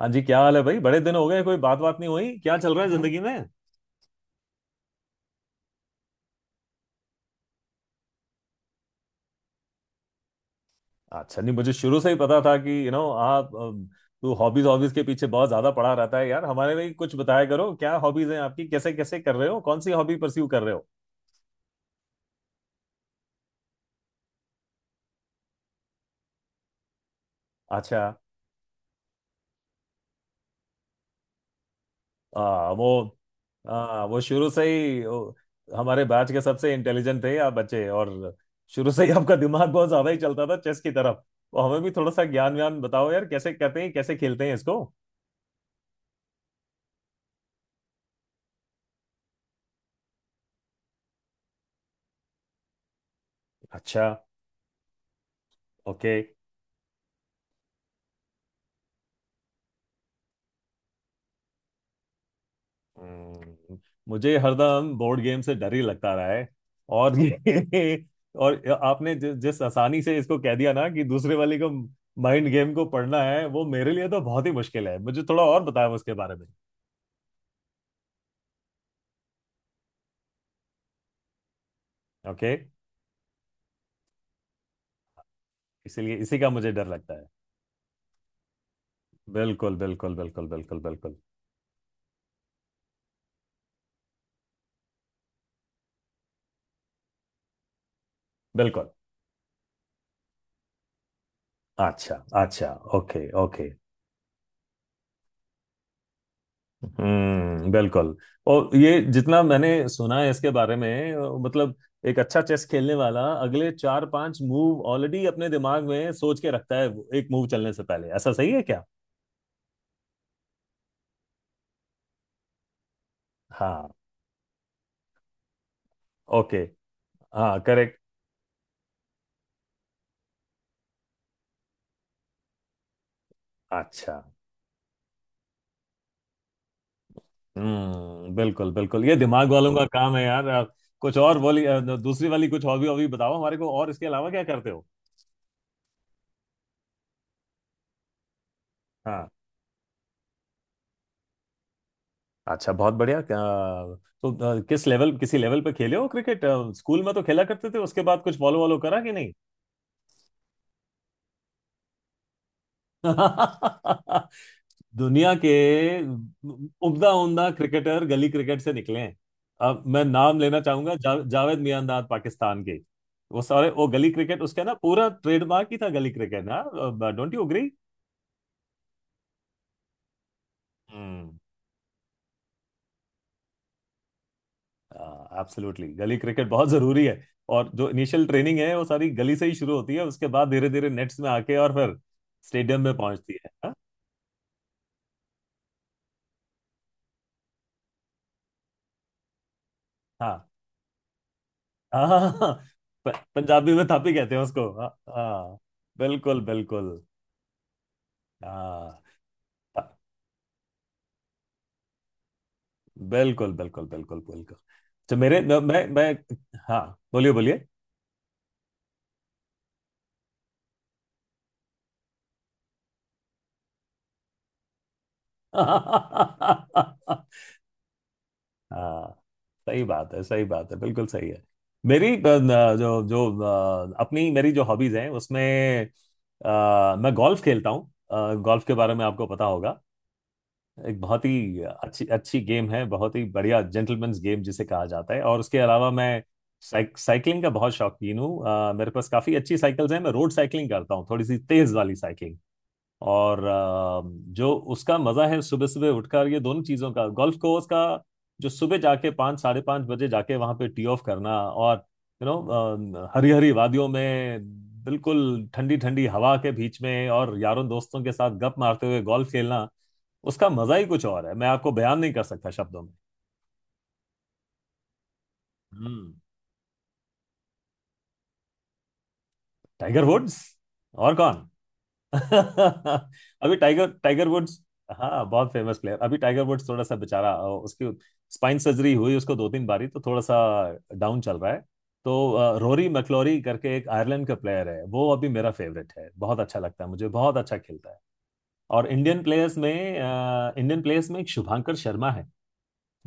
हाँ जी। क्या हाल है भाई? बड़े दिन हो गए, कोई बात बात नहीं हुई। क्या चल रहा है जिंदगी में? अच्छा, नहीं मुझे शुरू से ही पता था कि यू नो आप तू हॉबीज हॉबीज के पीछे बहुत ज्यादा पड़ा रहता है यार। हमारे लिए कुछ बताया करो, क्या हॉबीज हैं आपकी? कैसे कैसे कर रहे हो? कौन सी हॉबी परस्यू कर रहे हो? अच्छा। आ, वो वो शुरू से ही हमारे बैच के सबसे इंटेलिजेंट थे आप बच्चे। और शुरू से ही आपका दिमाग बहुत ज्यादा ही चलता था चेस की तरफ। तो हमें भी थोड़ा सा ज्ञान व्यान बताओ यार, कैसे करते हैं, कैसे खेलते हैं इसको? अच्छा। ओके। हम्म, मुझे हरदम बोर्ड गेम से डर ही लगता रहा है। और ये और आपने जिस आसानी से इसको कह दिया ना, कि दूसरे वाले को माइंड गेम को पढ़ना है वो मेरे लिए तो बहुत ही मुश्किल है। मुझे थोड़ा और बताया उसके बारे में। ओके। इसलिए इसी का मुझे डर लगता है। बिल्कुल, बिल्कुल, बिल्कुल, बिल्कुल, बिल्कुल, बिल्कुल। अच्छा, अच्छा। Okay, okay. हम्म। बिल्कुल। और ये जितना मैंने सुना है इसके बारे में, मतलब, एक अच्छा चेस खेलने वाला अगले 4-5 मूव ऑलरेडी अपने दिमाग में सोच के रखता है, वो, एक मूव चलने से पहले। ऐसा सही है क्या? हाँ। ओके। हाँ, करेक्ट। अच्छा। हम्म। बिल्कुल, बिल्कुल, ये दिमाग वालों का काम है यार। आप कुछ और बोली। दूसरी वाली कुछ हॉबी हॉबी बताओ हमारे को, और इसके अलावा क्या करते हो? हाँ। अच्छा, बहुत बढ़िया। तो किसी लेवल पे खेले हो क्रिकेट? स्कूल में तो खेला करते थे, उसके बाद कुछ फॉलो वॉलो करा कि नहीं? दुनिया के उम्दा उम्दा क्रिकेटर गली क्रिकेट से निकले हैं। अब मैं नाम लेना चाहूंगा, जावेद मियांदाद, पाकिस्तान के। वो सारे, वो गली क्रिकेट, उसका ना पूरा ट्रेडमार्क ही था गली क्रिकेट ना। Don't you agree? एब्सोल्युटली, गली क्रिकेट बहुत जरूरी है। और जो इनिशियल ट्रेनिंग है वो सारी गली से ही शुरू होती है, उसके बाद धीरे धीरे नेट्स में आके और फिर स्टेडियम में पहुंचती है। हाँ। हाँ, हाँ, हाँ, हाँ। पंजाबी में थापी कहते हैं उसको। हाँ, हाँ। बिल्कुल, बिल्कुल। हाँ, हाँ, बिल्कुल, बिल्कुल, बिल्कुल, बिल्कुल। तो मेरे मैं- हाँ, बोलिए, बोलिए। हाँ, सही बात है, सही बात है, बिल्कुल सही है। मेरी, जो जो अपनी मेरी जो हॉबीज हैं उसमें, मैं गोल्फ खेलता हूँ। गोल्फ के बारे में आपको पता होगा, एक बहुत ही अच्छी अच्छी गेम है, बहुत ही बढ़िया जेंटलमैन्स गेम जिसे कहा जाता है। और उसके अलावा मैं साइकिलिंग का बहुत शौकीन हूँ। मेरे पास काफी अच्छी साइकिल्स हैं, मैं रोड साइकिलिंग करता हूँ, थोड़ी सी तेज वाली साइकिलिंग। और जो उसका मजा है सुबह सुबह उठकर, ये दोनों चीजों का, गोल्फ कोर्स का, जो सुबह जाके 5, 5:30 बजे जाके वहां पे टी ऑफ करना, और यू नो, हरी हरी वादियों में, बिल्कुल ठंडी ठंडी हवा के बीच में, और यारों दोस्तों के साथ गप मारते हुए गोल्फ खेलना, उसका मजा ही कुछ और है, मैं आपको बयान नहीं कर सकता शब्दों में। हम्म। Tiger Woods. और कौन? अभी टाइगर टाइगर वुड्स। हाँ, बहुत फेमस प्लेयर। अभी टाइगर वुड्स थोड़ा सा बेचारा, उसकी स्पाइन सर्जरी हुई उसको 2-3 बारी, तो थोड़ा सा डाउन चल रहा है। तो रोरी मैकलोरी करके एक आयरलैंड का प्लेयर है, वो अभी मेरा फेवरेट है, बहुत अच्छा लगता है मुझे, बहुत अच्छा खेलता है। और इंडियन प्लेयर्स में एक शुभांकर शर्मा है,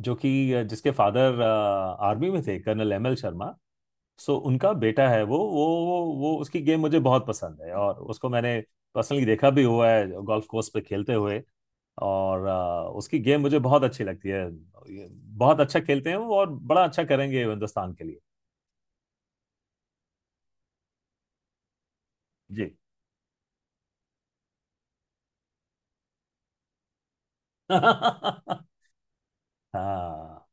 जिसके फादर आर्मी में थे, colonel M L Sharma. So उनका बेटा है, वो उसकी गेम मुझे बहुत पसंद है, और उसको मैंने पर्सनली देखा भी हुआ है गोल्फ कोर्स पे खेलते हुए। और उसकी गेम मुझे बहुत अच्छी लगती है, ये बहुत अच्छा खेलते हैं वो और बड़ा अच्छा करेंगे हिंदुस्तान के लिए। जी। हाँ,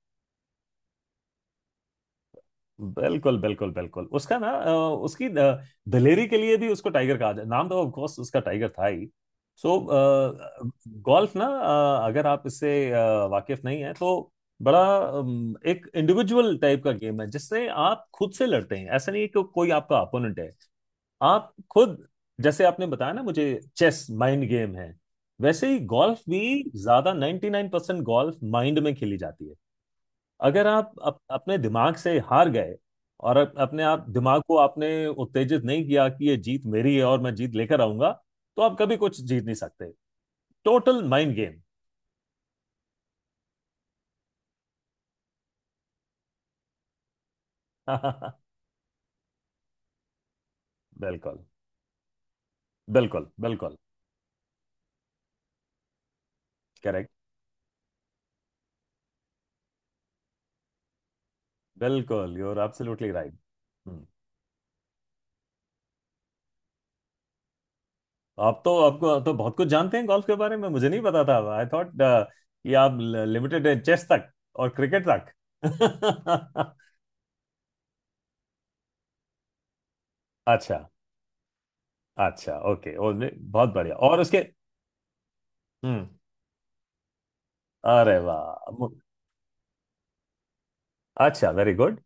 बिल्कुल, बिल्कुल, बिल्कुल, उसकी दिलेरी के लिए भी उसको टाइगर कहा जाए, नाम तो ऑफ कोर्स उसका टाइगर था ही। सो गोल्फ ना, अगर आप इससे वाकिफ नहीं है तो बड़ा एक इंडिविजुअल टाइप का गेम है, जिससे आप खुद से लड़ते हैं, ऐसा नहीं है कि कोई आपका अपोनेंट है, आप खुद। जैसे आपने बताया ना मुझे चेस माइंड गेम है, वैसे ही गोल्फ भी। ज्यादा 99% गोल्फ माइंड में खेली जाती है। अगर आप अपने दिमाग से हार गए और अपने आप दिमाग को आपने उत्तेजित नहीं किया कि ये जीत मेरी है और मैं जीत लेकर आऊंगा, तो आप कभी कुछ जीत नहीं सकते। Total mind game. बिल्कुल, बिल्कुल, बिल्कुल करेक्ट। बिल्कुल, यू आर एब्सोल्युटली राइट। आप तो आपको तो बहुत कुछ जानते हैं गोल्फ के बारे में, मुझे नहीं पता था, आई थॉट कि आप लिमिटेड हैं चेस तक और क्रिकेट तक। अच्छा, अच्छा, ओके। बहुत बढ़िया। और उसके, हम्म, अरे वाह, अच्छा, very good.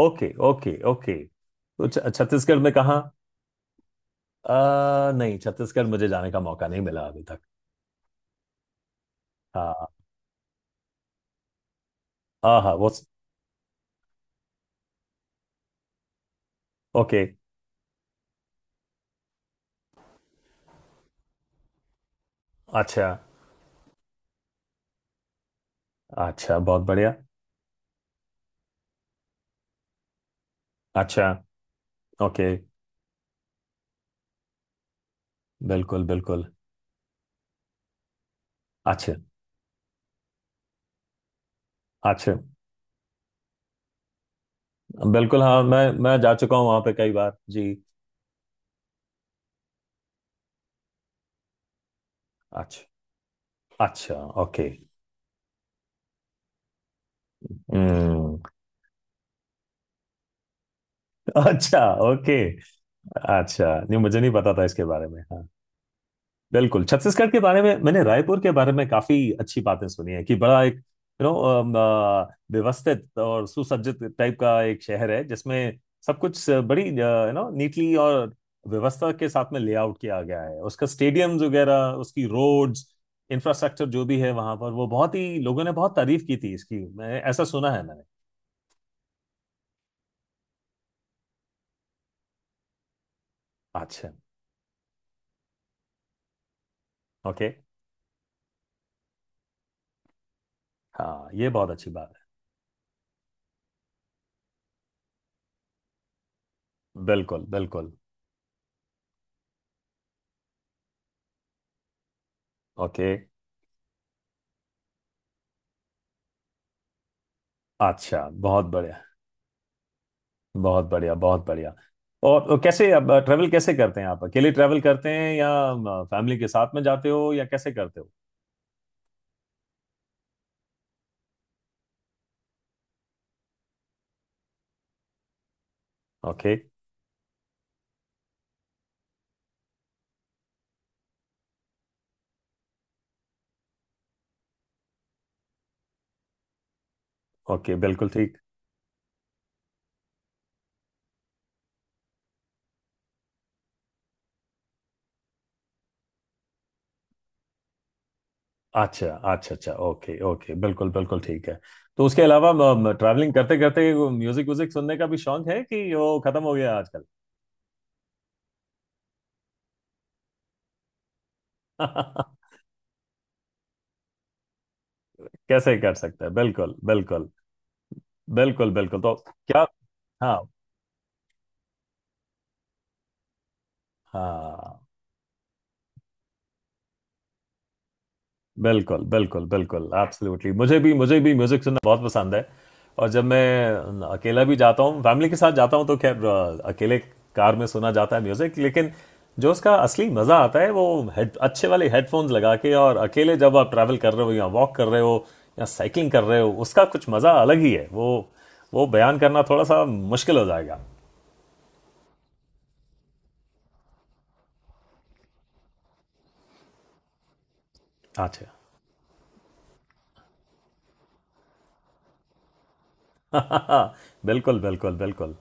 Okay, okay, okay. तो छत्तीसगढ़ में कहाँ? नहीं, छत्तीसगढ़ मुझे जाने का मौका नहीं मिला अभी तक। हाँ, हाँ, हाँ, वो ओके। अच्छा, अच्छा। बहुत बढ़िया। अच्छा, ओके, बिल्कुल, बिल्कुल, अच्छा, अच्छा, बिल्कुल। हाँ, मैं जा चुका हूँ वहाँ पे कई बार जी। अच्छा, अच्छा, ओके, हम्म। अच्छा, ओके। अच्छा, नहीं मुझे नहीं पता था इसके बारे में। हाँ। बिल्कुल। छत्तीसगढ़ के बारे में, मैंने रायपुर के बारे में काफी अच्छी बातें सुनी है, कि बड़ा एक, यू नो, व्यवस्थित और सुसज्जित टाइप का एक शहर है, जिसमें सब कुछ बड़ी, यू नो, नीटली और व्यवस्था के साथ में लेआउट किया गया है, उसका स्टेडियम्स वगैरह, उसकी रोड्स, इंफ्रास्ट्रक्चर जो भी है वहां पर वो, बहुत ही लोगों ने बहुत तारीफ की थी इसकी, मैं ऐसा सुना है मैंने। अच्छा। ओके, हाँ, ये बहुत अच्छी बात है। बिल्कुल, बिल्कुल, ओके। अच्छा, बहुत बढ़िया, बहुत बढ़िया, बहुत बढ़िया। और कैसे, अब ट्रैवल कैसे करते हैं? आप अकेले ट्रैवल करते हैं या फैमिली के साथ में जाते हो, या कैसे करते हो? ओके, ओके, बिल्कुल ठीक। अच्छा, अच्छा, अच्छा, ओके, ओके, बिल्कुल, बिल्कुल ठीक है। तो उसके अलावा, ट्रैवलिंग करते करते म्यूजिक व्यूजिक सुनने का भी शौक है कि वो खत्म हो गया आजकल? कैसे कर सकते हैं? बिल्कुल, बिल्कुल, बिल्कुल, बिल्कुल। तो क्या? हाँ, हाँ, बिल्कुल, बिल्कुल, बिल्कुल, एब्सोल्युटली मुझे भी म्यूजिक सुनना बहुत पसंद है। और जब मैं अकेला भी जाता हूँ, फैमिली के साथ जाता हूँ, तो खैर, अकेले कार में सुना जाता है म्यूजिक, लेकिन जो उसका असली मजा आता है वो, हेड अच्छे वाले हेडफोन्स लगा के, और अकेले जब आप ट्रैवल कर रहे हो या वॉक कर रहे हो या साइकिलिंग कर रहे हो, उसका कुछ मजा अलग ही है। वो बयान करना थोड़ा सा मुश्किल हो जाएगा। अच्छा। बिल्कुल, बिल्कुल, बिल्कुल।